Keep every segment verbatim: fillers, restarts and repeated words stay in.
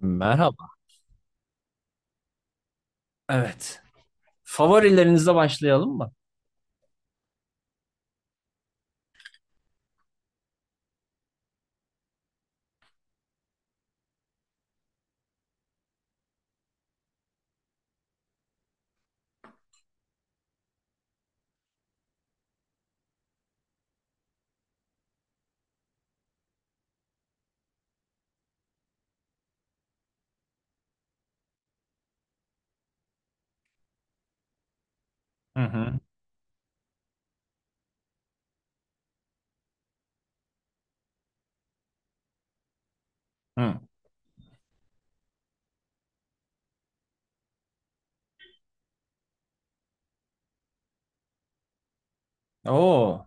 Merhaba. Evet. Favorilerinizle başlayalım mı? Hı hı. Hı. Oo,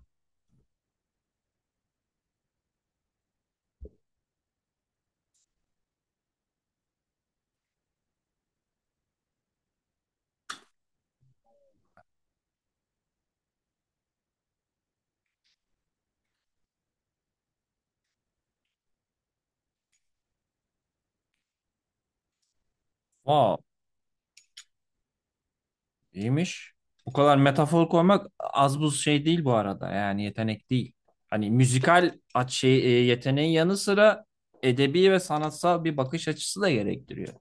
wow, iyiymiş. Bu kadar metafor koymak az buz şey değil bu arada. Yani yetenek değil. Hani müzikal aç şey, e, yeteneğin yanı sıra edebi ve sanatsal bir bakış açısı da gerektiriyor.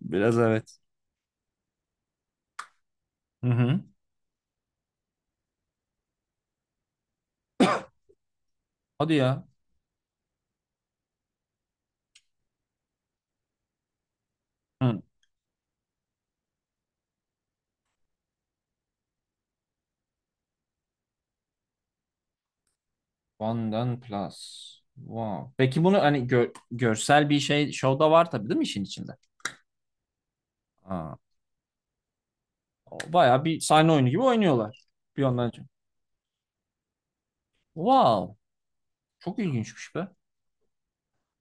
Biraz evet. Hı hı. Hadi ya. Hı. Ondan plus. Wow. Peki bunu hani gö- görsel bir şey şovda var tabii değil mi işin içinde? Aa, o bayağı bir sahne oyunu gibi oynuyorlar. Bir yandan. Wow. Çok ilginçmiş be.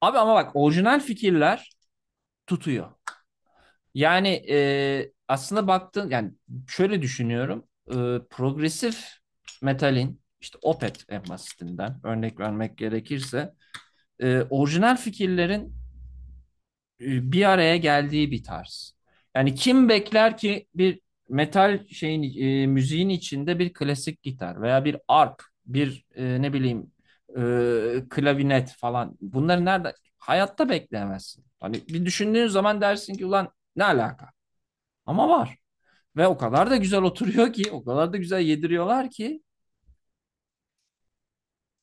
Abi ama bak orijinal fikirler tutuyor. Yani e, aslında baktığın yani şöyle düşünüyorum. E, progresif metalin işte Opeth en basitinden örnek vermek gerekirse e, orijinal fikirlerin e, bir araya geldiği bir tarz. Yani kim bekler ki bir metal şeyin e, müziğin içinde bir klasik gitar veya bir arp, bir e, ne bileyim e, klavinet falan. Bunları nerede? Hayatta bekleyemezsin. Hani bir düşündüğün zaman dersin ki ulan ne alaka? Ama var. Ve o kadar da güzel oturuyor ki, o kadar da güzel yediriyorlar ki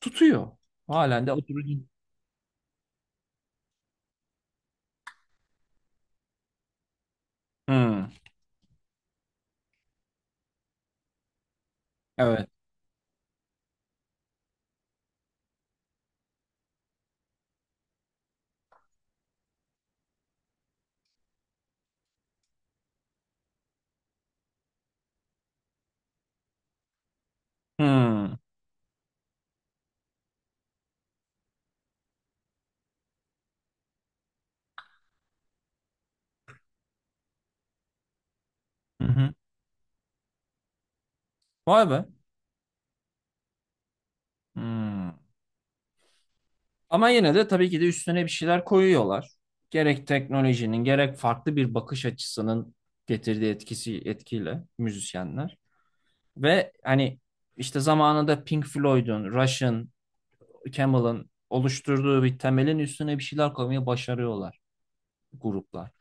tutuyor. Halen de oturuyor. Hmm, evet. Hmm. Hı hı. Vay be. Hmm. Ama yine de tabii ki de üstüne bir şeyler koyuyorlar. Gerek teknolojinin gerek farklı bir bakış açısının getirdiği etkisi etkiyle müzisyenler. Ve hani işte zamanında Pink Floyd'un, Rush'ın, Camel'ın oluşturduğu bir temelin üstüne bir şeyler koymayı başarıyorlar gruplar.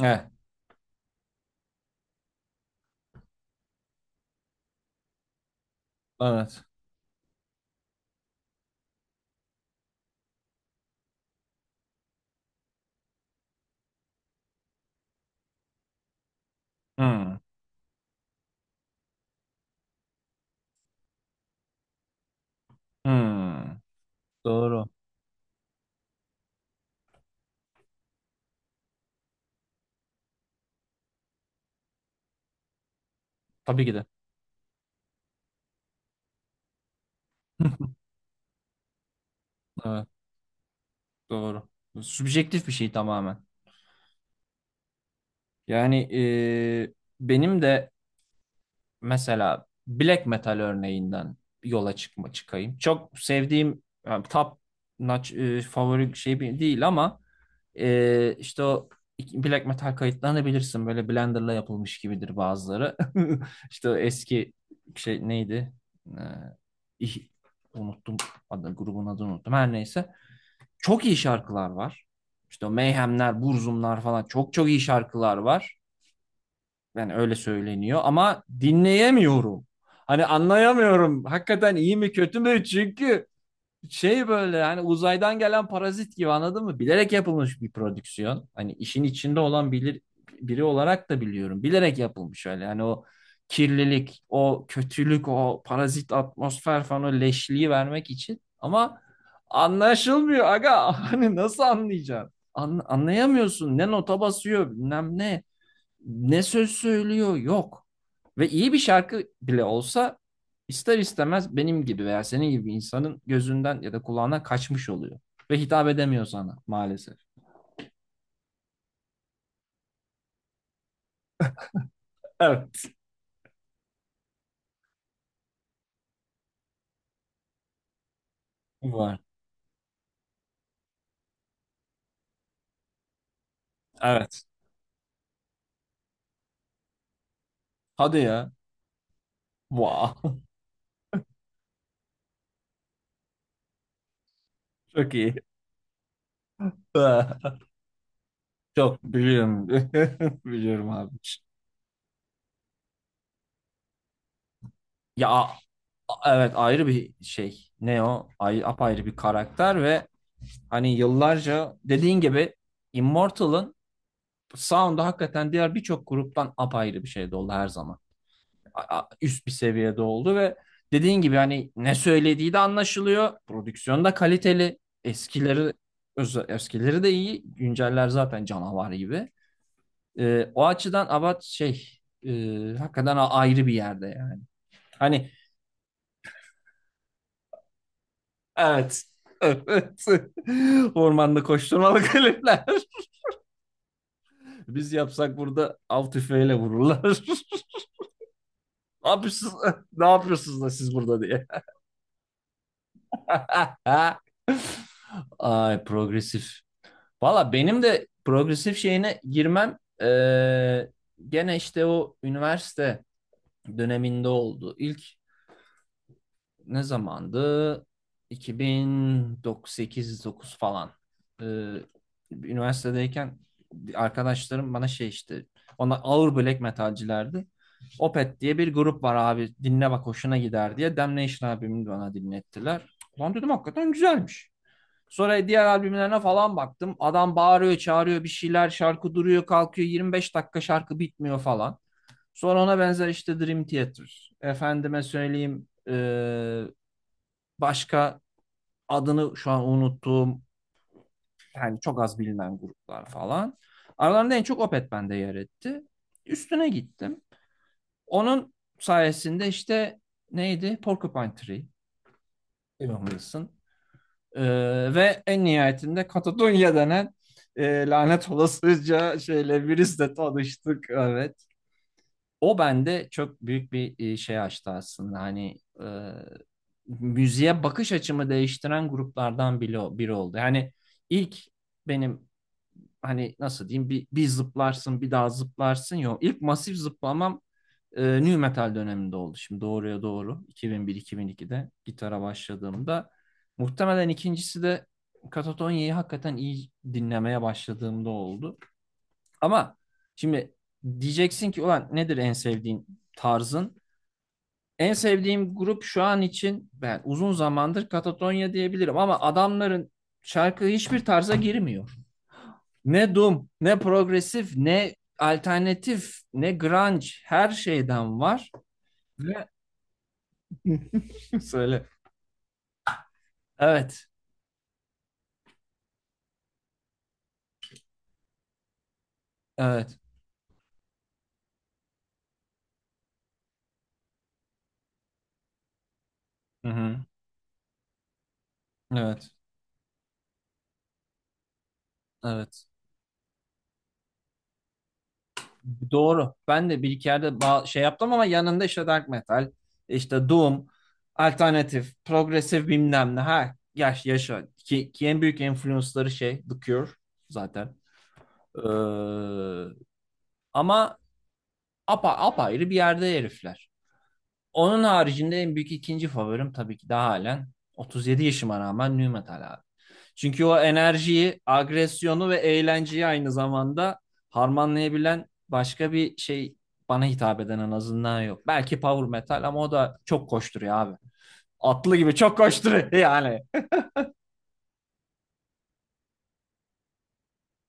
Evet. Evet. Hmm. Hmm. Doğru. Tabii ki de. Evet, doğru. Subjektif bir şey tamamen. Yani e, benim de mesela black metal örneğinden yola çıkma çıkayım. Çok sevdiğim yani top notch, e, favori şey bir- değil ama e, işte o black metal kayıtlarını bilirsin. Böyle Blender'la yapılmış gibidir bazıları. İşte o eski şey neydi? Ee, ih- unuttum adı, grubun adını unuttum. Her neyse. Çok iyi şarkılar var. İşte o Mayhemler, Burzumlar falan çok çok iyi şarkılar var. Yani öyle söyleniyor ama dinleyemiyorum. Hani anlayamıyorum. Hakikaten iyi mi kötü mü? Çünkü şey böyle hani uzaydan gelen parazit gibi anladın mı? Bilerek yapılmış bir prodüksiyon. Hani işin içinde olan bilir, biri olarak da biliyorum. Bilerek yapılmış öyle. Yani o kirlilik, o kötülük, o parazit atmosfer falan o leşliği vermek için. Ama anlaşılmıyor aga. Hani nasıl anlayacaksın? An- anlayamıyorsun. Ne nota basıyor bilmem ne ne söz söylüyor yok. Ve iyi bir şarkı bile olsa ister istemez benim gibi veya senin gibi insanın gözünden ya da kulağına kaçmış oluyor. Ve hitap edemiyor sana maalesef. Evet. Var. Evet. Hadi ya. Wow. Çok iyi. Çok biliyorum. Biliyorum abi. Ya a- evet ayrı bir şey. Ne o? Ay, apayrı bir karakter ve hani yıllarca dediğin gibi Immortal'ın Sound'u hakikaten diğer birçok gruptan apayrı bir şeyde oldu her zaman. Üst bir seviyede oldu ve dediğin gibi hani ne söylediği de anlaşılıyor. Prodüksiyon da kaliteli. Eskileri eskileri de iyi. Günceller zaten canavar gibi. Ee, o açıdan Abat şey e, hakikaten ayrı bir yerde yani. Hani evet, evet. Ormanda koşturmalı klipler. Biz yapsak burada av tüfeğiyle vururlar. Ne yapıyorsunuz, ne yapıyorsunuz da siz burada diye. Ay, progresif. Valla benim de progresif şeyine girmem eee, gene işte o üniversite döneminde oldu. İlk ne zamandı? iki bin sekiz-dokuz falan. Eee, üniversitedeyken arkadaşlarım bana şey işte ona ağır black metalcilerdi. Opet diye bir grup var abi dinle bak hoşuna gider diye Damnation abimi bana dinlettiler. Lan dedim hakikaten güzelmiş. Sonra diğer albümlerine falan baktım. Adam bağırıyor, çağırıyor bir şeyler, şarkı duruyor, kalkıyor. yirmi beş dakika şarkı bitmiyor falan. Sonra ona benzer işte Dream Theater. Efendime söyleyeyim e, başka adını şu an unuttuğum yani çok az bilinen gruplar falan. Aralarında en çok Opeth bende yer etti. Üstüne gittim. Onun sayesinde işte neydi? Porcupine Tree, Evan Wilson. Ee, ve en nihayetinde Katadunya denen e, lanet olasıca şeyle virüsle tanıştık. Evet. O bende çok büyük bir e, şey açtı aslında. Hani e, müziğe bakış açımı değiştiren gruplardan biri, biri oldu. Yani ilk benim hani nasıl diyeyim bir, bir zıplarsın bir daha zıplarsın yok. İlk masif zıplamam e, nu metal döneminde oldu. Şimdi doğruya doğru iki bin bir iki bin ikide gitara başladığımda muhtemelen ikincisi de Katatonya'yı hakikaten iyi dinlemeye başladığımda oldu. Ama şimdi diyeceksin ki ulan nedir en sevdiğin tarzın? En sevdiğim grup şu an için ben uzun zamandır Katatonya diyebilirim ama adamların şarkı hiçbir tarza girmiyor. Ne doom, ne progresif, ne alternatif, ne grunge her şeyden var. Ve söyle. Evet, evet. Hı-hı. Evet, evet. Doğru. Ben de bir iki yerde ba- şey yaptım ama yanında işte dark metal, işte doom, alternatif, progresif bilmem ne. Ha, yaş yaşa. Ki, ki en büyük influence'ları şey The Cure zaten. Ee, ama apa apayrı bir yerde herifler. Onun haricinde en büyük ikinci favorim tabii ki de halen otuz yedi yaşıma rağmen nu metal abi. Çünkü o enerjiyi, agresyonu ve eğlenceyi aynı zamanda harmanlayabilen başka bir şey bana hitap eden en azından yok. Belki power metal ama o da çok koşturuyor abi. Atlı gibi çok koşturuyor yani.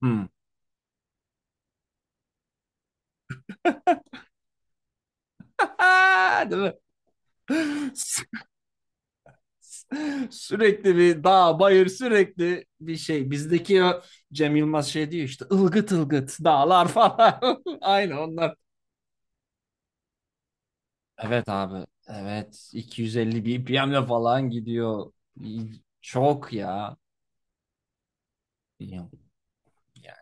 Hmm. Değil mi? Sürekli bir dağ, bayır, sürekli bir şey. Bizdeki o Cem Yılmaz şey diyor işte ılgıt ılgıt dağlar falan. Aynı onlar. Evet abi. Evet. iki yüz elli B P M'le falan gidiyor. Çok ya. Yani.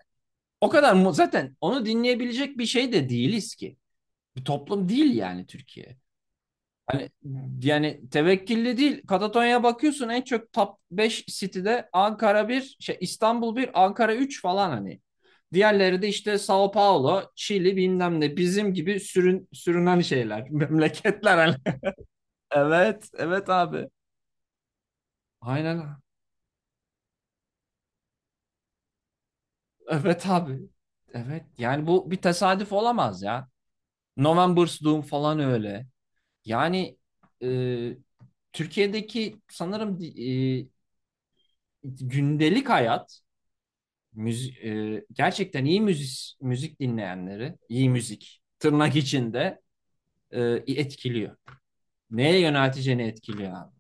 O kadar mu zaten onu dinleyebilecek bir şey de değiliz ki. Bir toplum değil yani Türkiye. Hani yani tevekkilli değil. Katatonya'ya bakıyorsun en çok top beş City'de Ankara bir, şey İstanbul bir, Ankara üç falan hani. Diğerleri de işte Sao Paulo, Çili bilmem ne bizim gibi sürün, sürünen şeyler, memleketler hani. Evet, evet abi. Aynen. Evet abi. Evet. Yani bu bir tesadüf olamaz ya. November's Doom falan öyle. Yani e, Türkiye'deki sanırım e, gündelik hayat müzi- e, gerçekten iyi müzik müzik dinleyenleri, iyi müzik tırnak içinde e, etkiliyor. Neye yönelteceğini etkiliyor abi.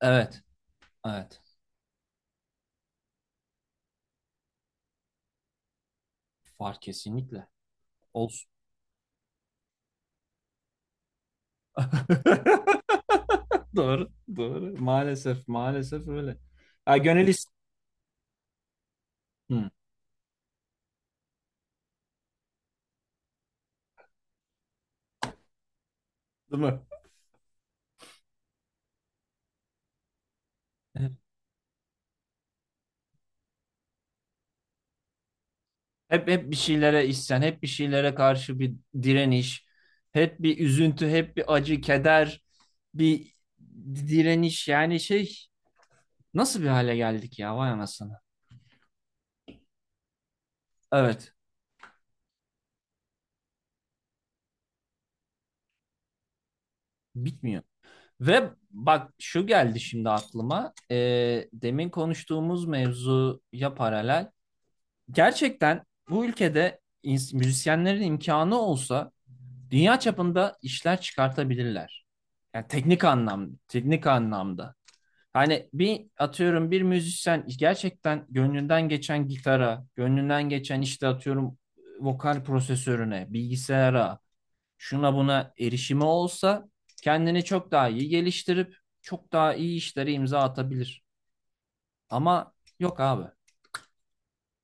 Evet, evet. Var kesinlikle. Olsun. Doğru, doğru. Maalesef, maalesef öyle. Ha, gönül is- hı. Değil mi? Hep hep bir şeylere isyan, hep bir şeylere karşı bir direniş, hep bir üzüntü, hep bir acı, keder, bir direniş. Yani şey. Nasıl bir hale geldik ya, vay anasını. Evet, bitmiyor. Ve bak şu geldi şimdi aklıma. Ee, demin konuştuğumuz mevzuya paralel. Gerçekten bu ülkede ins- müzisyenlerin imkanı olsa dünya çapında işler çıkartabilirler. Yani teknik anlamda, teknik anlamda. Hani bir atıyorum bir müzisyen gerçekten gönlünden geçen gitara, gönlünden geçen işte atıyorum vokal prosesörüne, bilgisayara, şuna buna erişimi olsa kendini çok daha iyi geliştirip çok daha iyi işlere imza atabilir. Ama yok abi.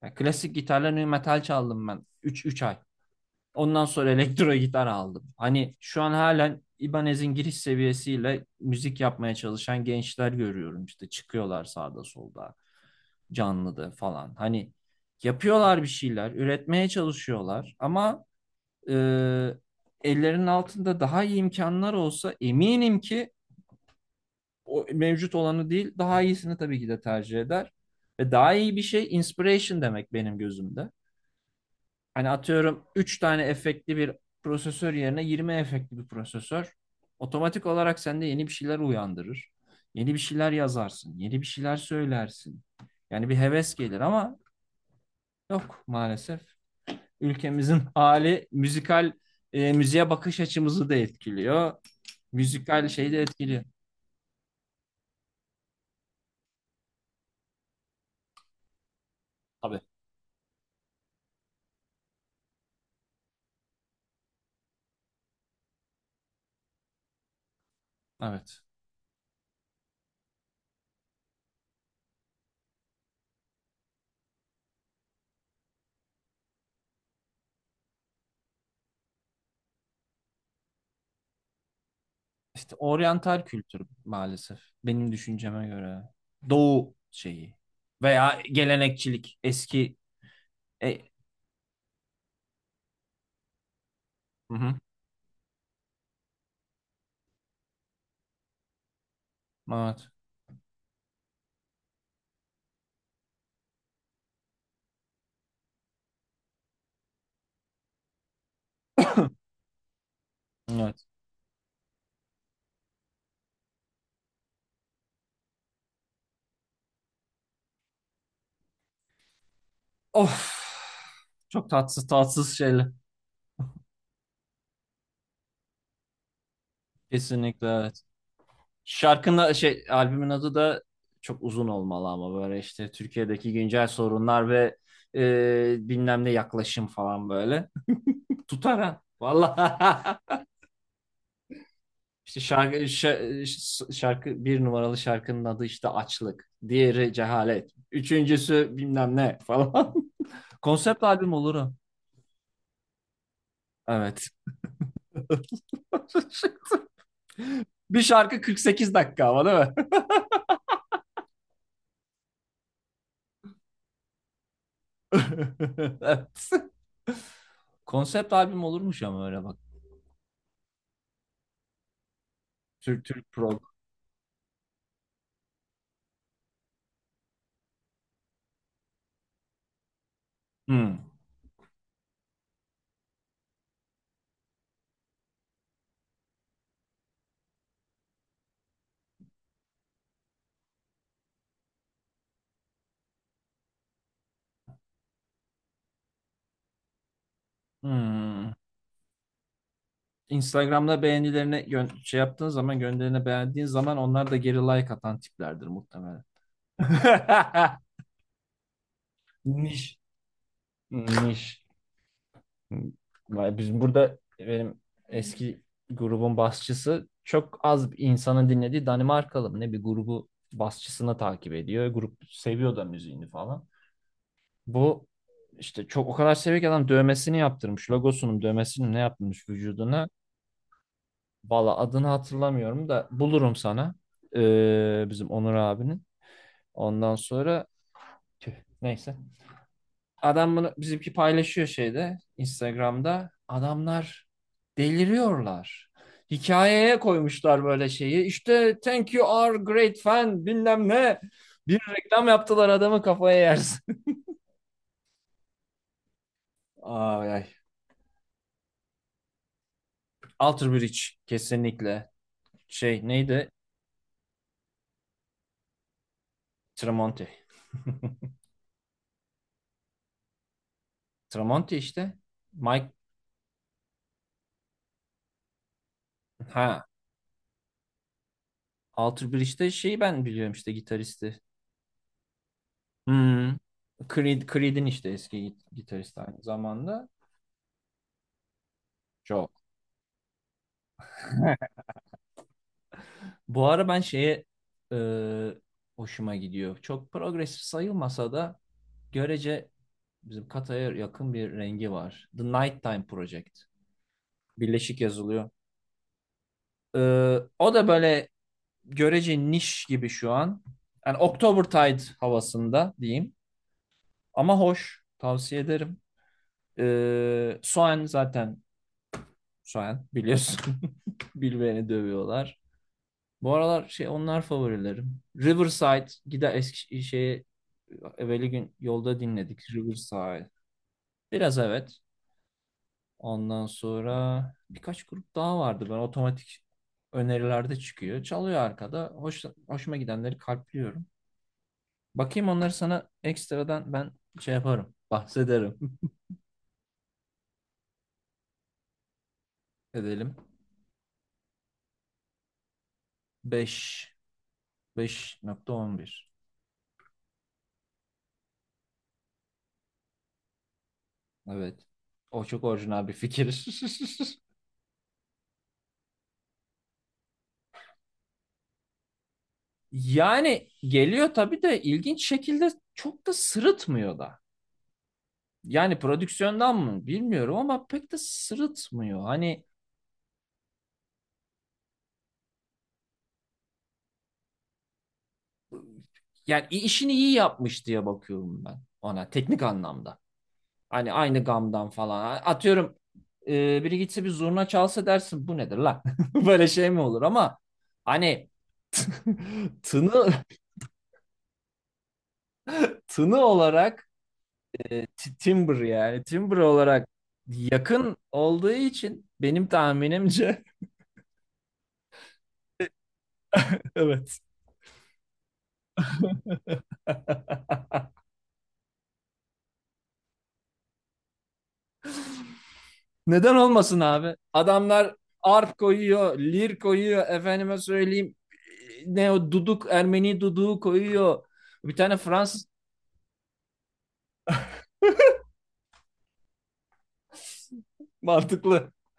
Ya klasik gitarla nu metal çaldım ben üç üç ay. Ondan sonra elektro gitar aldım. Hani şu an halen İbanez'in giriş seviyesiyle müzik yapmaya çalışan gençler görüyorum işte çıkıyorlar sağda solda canlıda falan. Hani yapıyorlar bir şeyler, üretmeye çalışıyorlar ama Ee, ellerinin altında daha iyi imkanlar olsa eminim ki o mevcut olanı değil daha iyisini tabii ki de tercih eder. Ve daha iyi bir şey inspiration demek benim gözümde. Hani atıyorum üç tane efektli bir prosesör yerine yirmi efektli bir prosesör otomatik olarak sende yeni bir şeyler uyandırır. Yeni bir şeyler yazarsın, yeni bir şeyler söylersin. Yani bir heves gelir ama yok maalesef. Ülkemizin hali müzikal e, müziğe bakış açımızı da etkiliyor. Müzikal şeyi de etkiliyor. Tabii. Evet. İşte oryantal kültür maalesef benim düşünceme göre. Doğu şeyi veya gelenekçilik eski e, hı hı. Evet. Evet. Of. Çok tatsız tatsız şeyler. Kesinlikle evet. Şarkının a- şey albümün adı da çok uzun olmalı ama böyle işte Türkiye'deki güncel sorunlar ve e, bilmem ne yaklaşım falan böyle. Tutar ha. Vallahi. İşte şarkı, şa- şarkı bir numaralı şarkının adı işte Açlık. Diğeri Cehalet. Üçüncüsü bilmem ne falan. Konsept albüm olur o. Evet. Bir şarkı kırk sekiz dakika ama değil mi? Evet. Konsept albüm olurmuş ama öyle bak. Türk Türk prog. Hmm. Hmm. Instagram'da beğenilerini gö- şey yaptığın zaman gönderine beğendiğin zaman onlar da geri like atan tiplerdir muhtemelen. Niş. Niş. Vay, biz burada benim eski grubun basçısı çok az insanın dinlediği Danimarkalı mı ne bir grubu basçısını takip ediyor. Grup seviyor da müziğini falan. Bu işte çok o kadar seviyor ki adam dövmesini yaptırmış. Logosunun dövmesini ne yaptırmış vücuduna. Valla adını hatırlamıyorum da bulurum sana. Ee, bizim Onur abinin. Ondan sonra tüh, neyse. Adam bunu bizimki paylaşıyor şeyde Instagram'da. Adamlar deliriyorlar. Hikayeye koymuşlar böyle şeyi. İşte thank you our great fan bilmem ne. Bir reklam yaptılar adamı kafaya yersin. Ay ay. Alter Bridge kesinlikle. Şey neydi? Tramonte. Tramonte işte. Mike ha. Alter Bridge'de şeyi ben biliyorum işte gitaristi. Hmm. Creed, Creed'in işte eski git- gitaristi aynı zamanda. Çok. Bu ara ben şeye e, hoşuma gidiyor. Çok progresif sayılmasa da görece bizim Kata'ya yakın bir rengi var. The Nighttime Project. Birleşik yazılıyor. E, o da böyle görece niş gibi şu an. Yani Oktobertide havasında diyeyim. Ama hoş. Tavsiye ederim. E, Soen zaten Soen biliyorsun. Bilmeyeni dövüyorlar. Bu aralar şey onlar favorilerim. Riverside gider eski şeyi evveli gün yolda dinledik Riverside. Biraz evet. Ondan sonra birkaç grup daha vardı. Ben otomatik önerilerde çıkıyor. Çalıyor arkada. Hoş, hoşuma gidenleri kalpliyorum. Bakayım onları sana ekstradan ben şey yaparım. Bahsederim. Edelim. Beş. Beş nokta on bir. Evet. O çok orijinal bir fikir. Yani geliyor tabii de ilginç şekilde çok da sırıtmıyor da. Yani prodüksiyondan mı bilmiyorum ama pek de sırıtmıyor. Hani yani i- işini iyi yapmış diye bakıyorum ben ona teknik anlamda. Hani aynı gamdan falan. Atıyorum e, biri gitse bir zurna çalsa dersin bu nedir lan? Böyle şey mi olur ama hani tını tını olarak e, t- timbre yani timbre olarak yakın olduğu için benim tahminimce. Evet. Neden olmasın abi? Adamlar arp koyuyor, lir koyuyor, efendime söyleyeyim ne o duduk, Ermeni duduğu koyuyor. Bir tane Fransız mantıklı.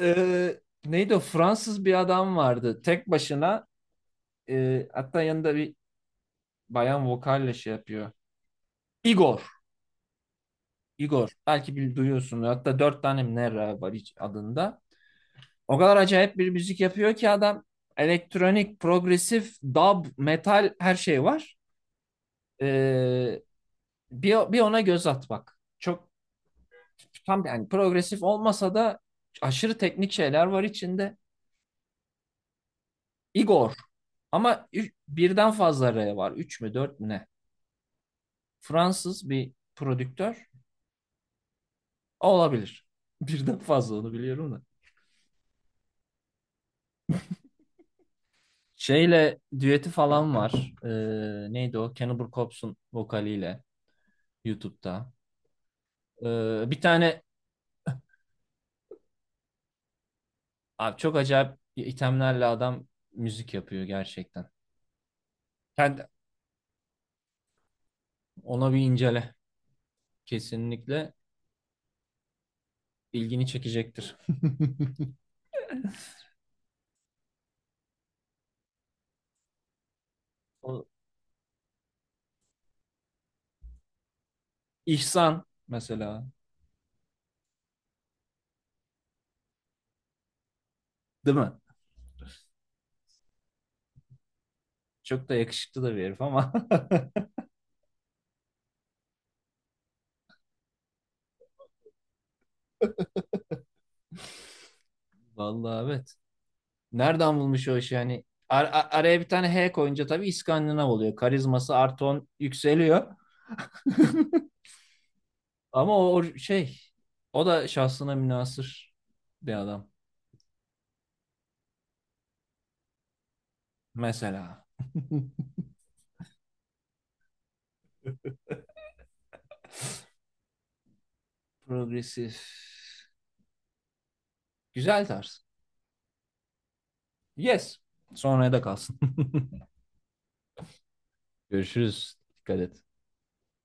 Ee, neydi o? Fransız bir adam vardı. Tek başına e, hatta yanında bir bayan vokalle şey yapıyor. Igor. Igor. Belki bir duyuyorsun. Hatta dört tane mi ne ra var hiç adında. O kadar acayip bir müzik yapıyor ki adam elektronik, progresif, dub, metal her şey var. Ee, bir, bir ona göz at bak. Çok tam yani progresif olmasa da aşırı teknik şeyler var içinde. Igor ama ü- birden fazla R var. Üç mü dört mü ne? Fransız bir prodüktör olabilir. Birden fazla onu biliyorum da. Şeyle düeti falan var. Ee, neydi o? Cannibal Corpse'un vokaliyle YouTube'da. Ee, bir tane abi çok acayip itemlerle adam müzik yapıyor gerçekten. Sen de ona bir incele. Kesinlikle ilgini çekecektir. O İhsan mesela değil mi? Çok da yakışıklı da bir herif ama. Vallahi evet. Nereden bulmuş o işi yani? Ar- ar- araya bir tane H koyunca tabii İskandinav oluyor. Karizması artı on yükseliyor. Ama o, o şey o da şahsına münhasır bir adam mesela. Progresif. Güzel tarz. Yes. Sonraya da kalsın. Görüşürüz. Dikkat et.